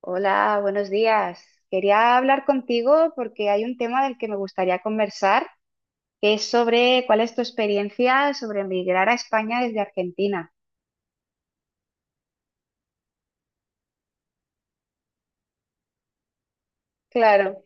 Hola, buenos días. Quería hablar contigo porque hay un tema del que me gustaría conversar, que es sobre cuál es tu experiencia sobre emigrar a España desde Argentina. Claro.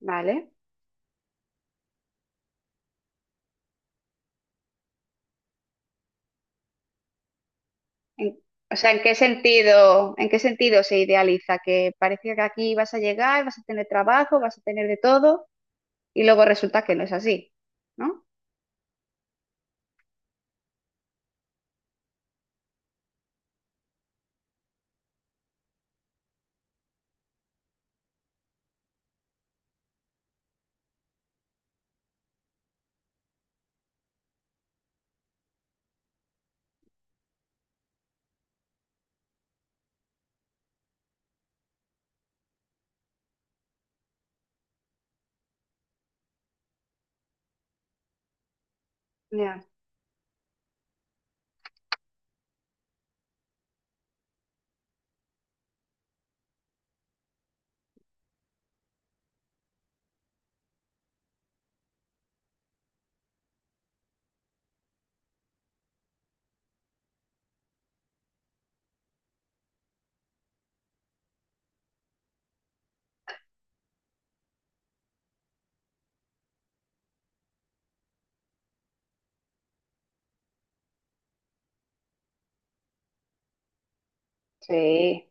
¿Vale? En- o sea, en qué sentido se idealiza? Que parece que aquí vas a llegar, vas a tener trabajo, vas a tener de todo, y luego resulta que no es así, ¿no? Ya. Sí,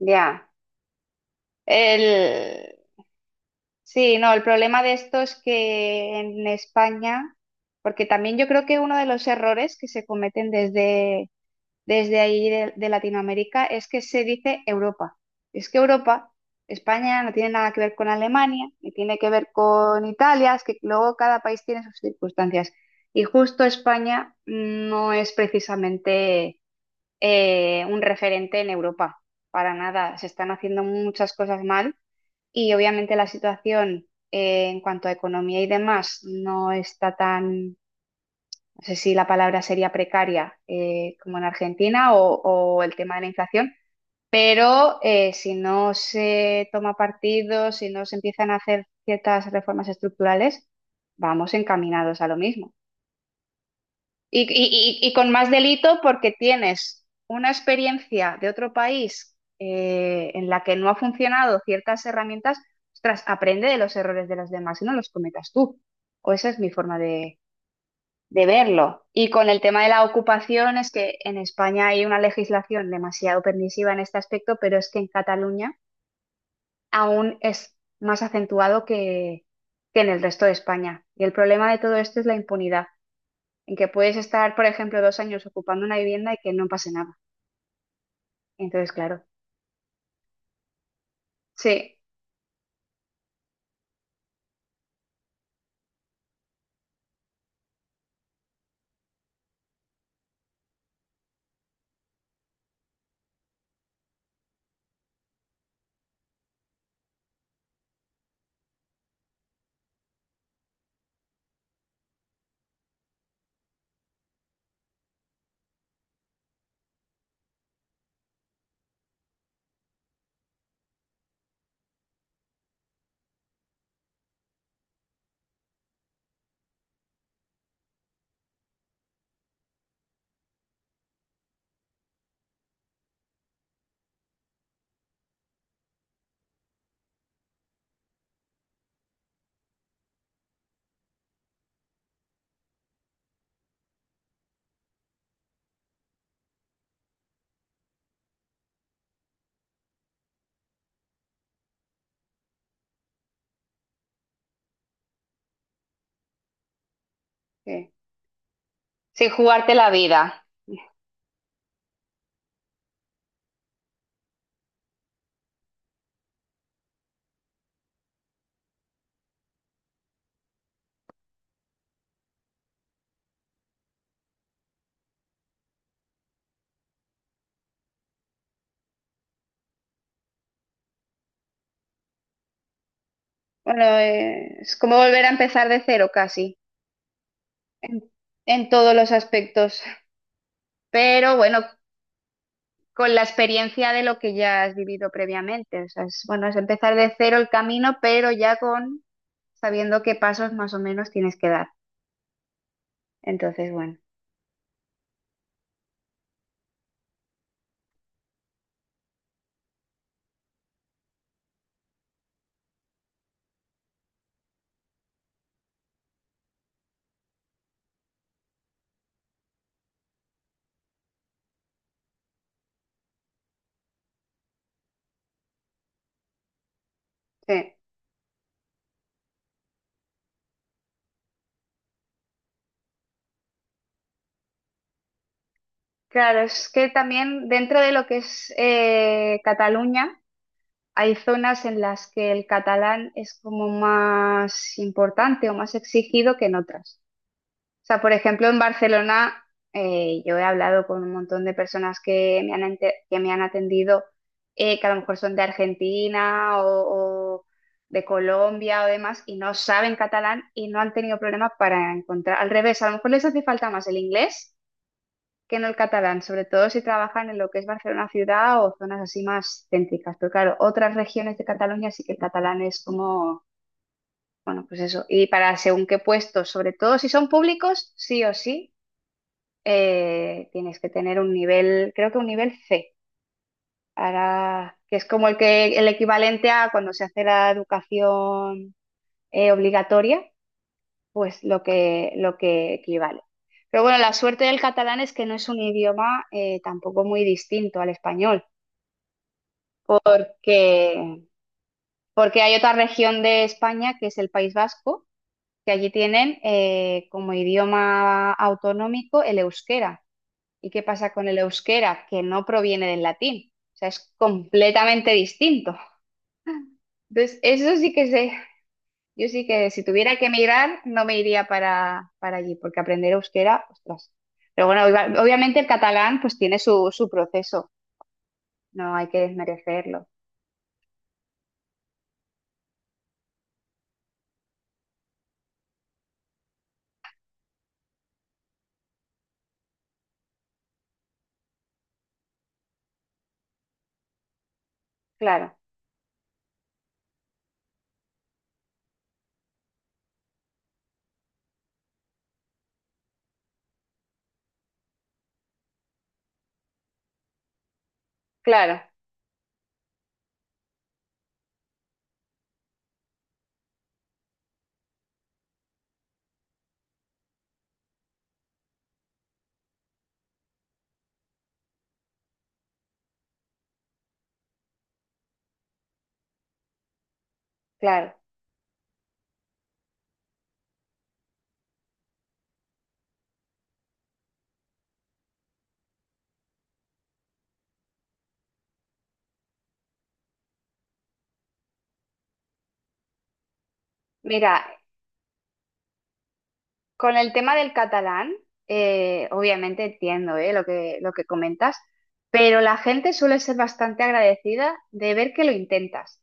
ya. El Sí, no, el problema de esto es que en España, porque también yo creo que uno de los errores que se cometen desde ahí de Latinoamérica es que se dice Europa. Es que Europa, España no tiene nada que ver con Alemania, ni tiene que ver con Italia, es que luego cada país tiene sus circunstancias. Y justo España no es precisamente un referente en Europa, para nada. Se están haciendo muchas cosas mal y obviamente la situación en cuanto a economía y demás no está tan, no sé si la palabra sería precaria como en Argentina, o el tema de la inflación, pero si no se toma partido, si no se empiezan a hacer ciertas reformas estructurales, vamos encaminados a lo mismo. Y con más delito porque tienes una experiencia de otro país en la que no ha funcionado ciertas herramientas. Ostras, aprende de los errores de los demás y no los cometas tú. O esa es mi forma de verlo. Y con el tema de la ocupación, es que en España hay una legislación demasiado permisiva en este aspecto, pero es que en Cataluña aún es más acentuado que en el resto de España. Y el problema de todo esto es la impunidad en que puedes estar, por ejemplo, dos años ocupando una vivienda y que no pase nada. Entonces, claro, sí, sí, sin jugarte la vida. Bueno, es como volver a empezar de cero casi, en, en todos los aspectos. Pero bueno, con la experiencia de lo que ya has vivido previamente. O sea, es, bueno, es empezar de cero el camino, pero ya con sabiendo qué pasos más o menos tienes que dar. Entonces, bueno, sí. Claro, es que también dentro de lo que es Cataluña, hay zonas en las que el catalán es como más importante o más exigido que en otras. O sea, por ejemplo, en Barcelona yo he hablado con un montón de personas que me han, que me han atendido, que a lo mejor son de Argentina, o de Colombia o demás, y no saben catalán y no han tenido problemas para encontrar. Al revés, a lo mejor les hace falta más el inglés que no el catalán, sobre todo si trabajan en lo que es Barcelona ciudad o zonas así más céntricas. Pero claro, otras regiones de Cataluña sí que el catalán es como, bueno, pues eso. Y para según qué puestos, sobre todo si son públicos, sí o sí, tienes que tener un nivel, creo que un nivel C. Ahora, que es como el que el equivalente a cuando se hace la educación obligatoria, pues lo que equivale. Pero bueno, la suerte del catalán es que no es un idioma tampoco muy distinto al español. Que porque hay otra región de España que es el País Vasco, que allí tienen como idioma autonómico el euskera. ¿Y qué pasa con el euskera? Que no proviene del latín, o sea, es completamente distinto. Entonces, eso sí que sé, yo sí que si tuviera que emigrar, no me iría para allí, porque aprender euskera, ostras. Pero bueno, obviamente el catalán pues tiene su proceso, no hay que desmerecerlo. Claro, claro, claro. Mira, con el tema del catalán, obviamente entiendo, lo que comentas, pero la gente suele ser bastante agradecida de ver que lo intentas,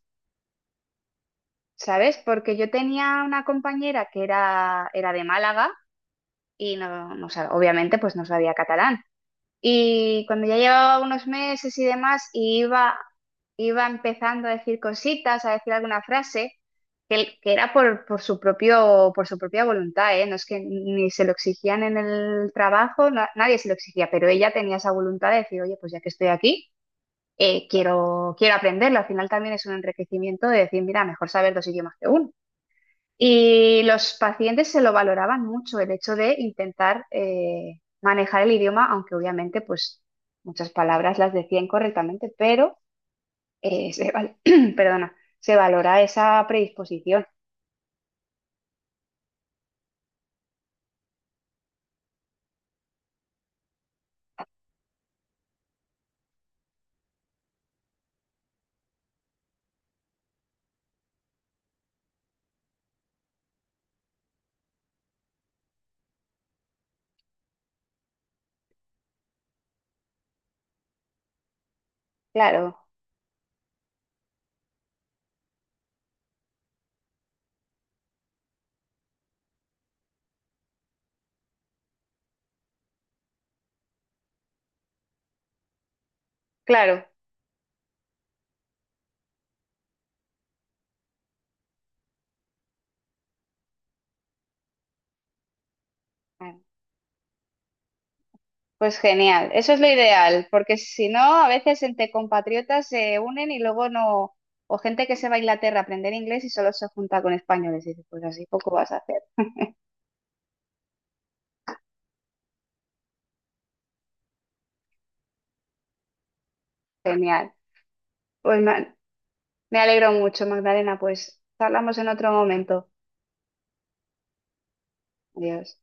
¿sabes? Porque yo tenía una compañera que era de Málaga y obviamente pues no sabía catalán. Y cuando ya llevaba unos meses y demás, iba empezando a decir cositas, a decir alguna frase, que era por su propio, por su propia voluntad, ¿eh? No es que ni se lo exigían en el trabajo, nadie se lo exigía, pero ella tenía esa voluntad de decir, oye, pues ya que estoy aquí, quiero aprenderlo. Al final también es un enriquecimiento de decir, mira, mejor saber dos idiomas que uno. Y los pacientes se lo valoraban mucho, el hecho de intentar manejar el idioma, aunque obviamente pues muchas palabras las decían correctamente, pero eh, se, val- perdona, se valora esa predisposición. Claro, claro. Ah, pues genial, eso es lo ideal, porque si no, a veces entre compatriotas se unen y luego no, o gente que se va a Inglaterra a aprender inglés y solo se junta con españoles, y dices, pues así poco vas a hacer. Genial. Pues nada. Me alegro mucho, Magdalena. Pues hablamos en otro momento. Adiós.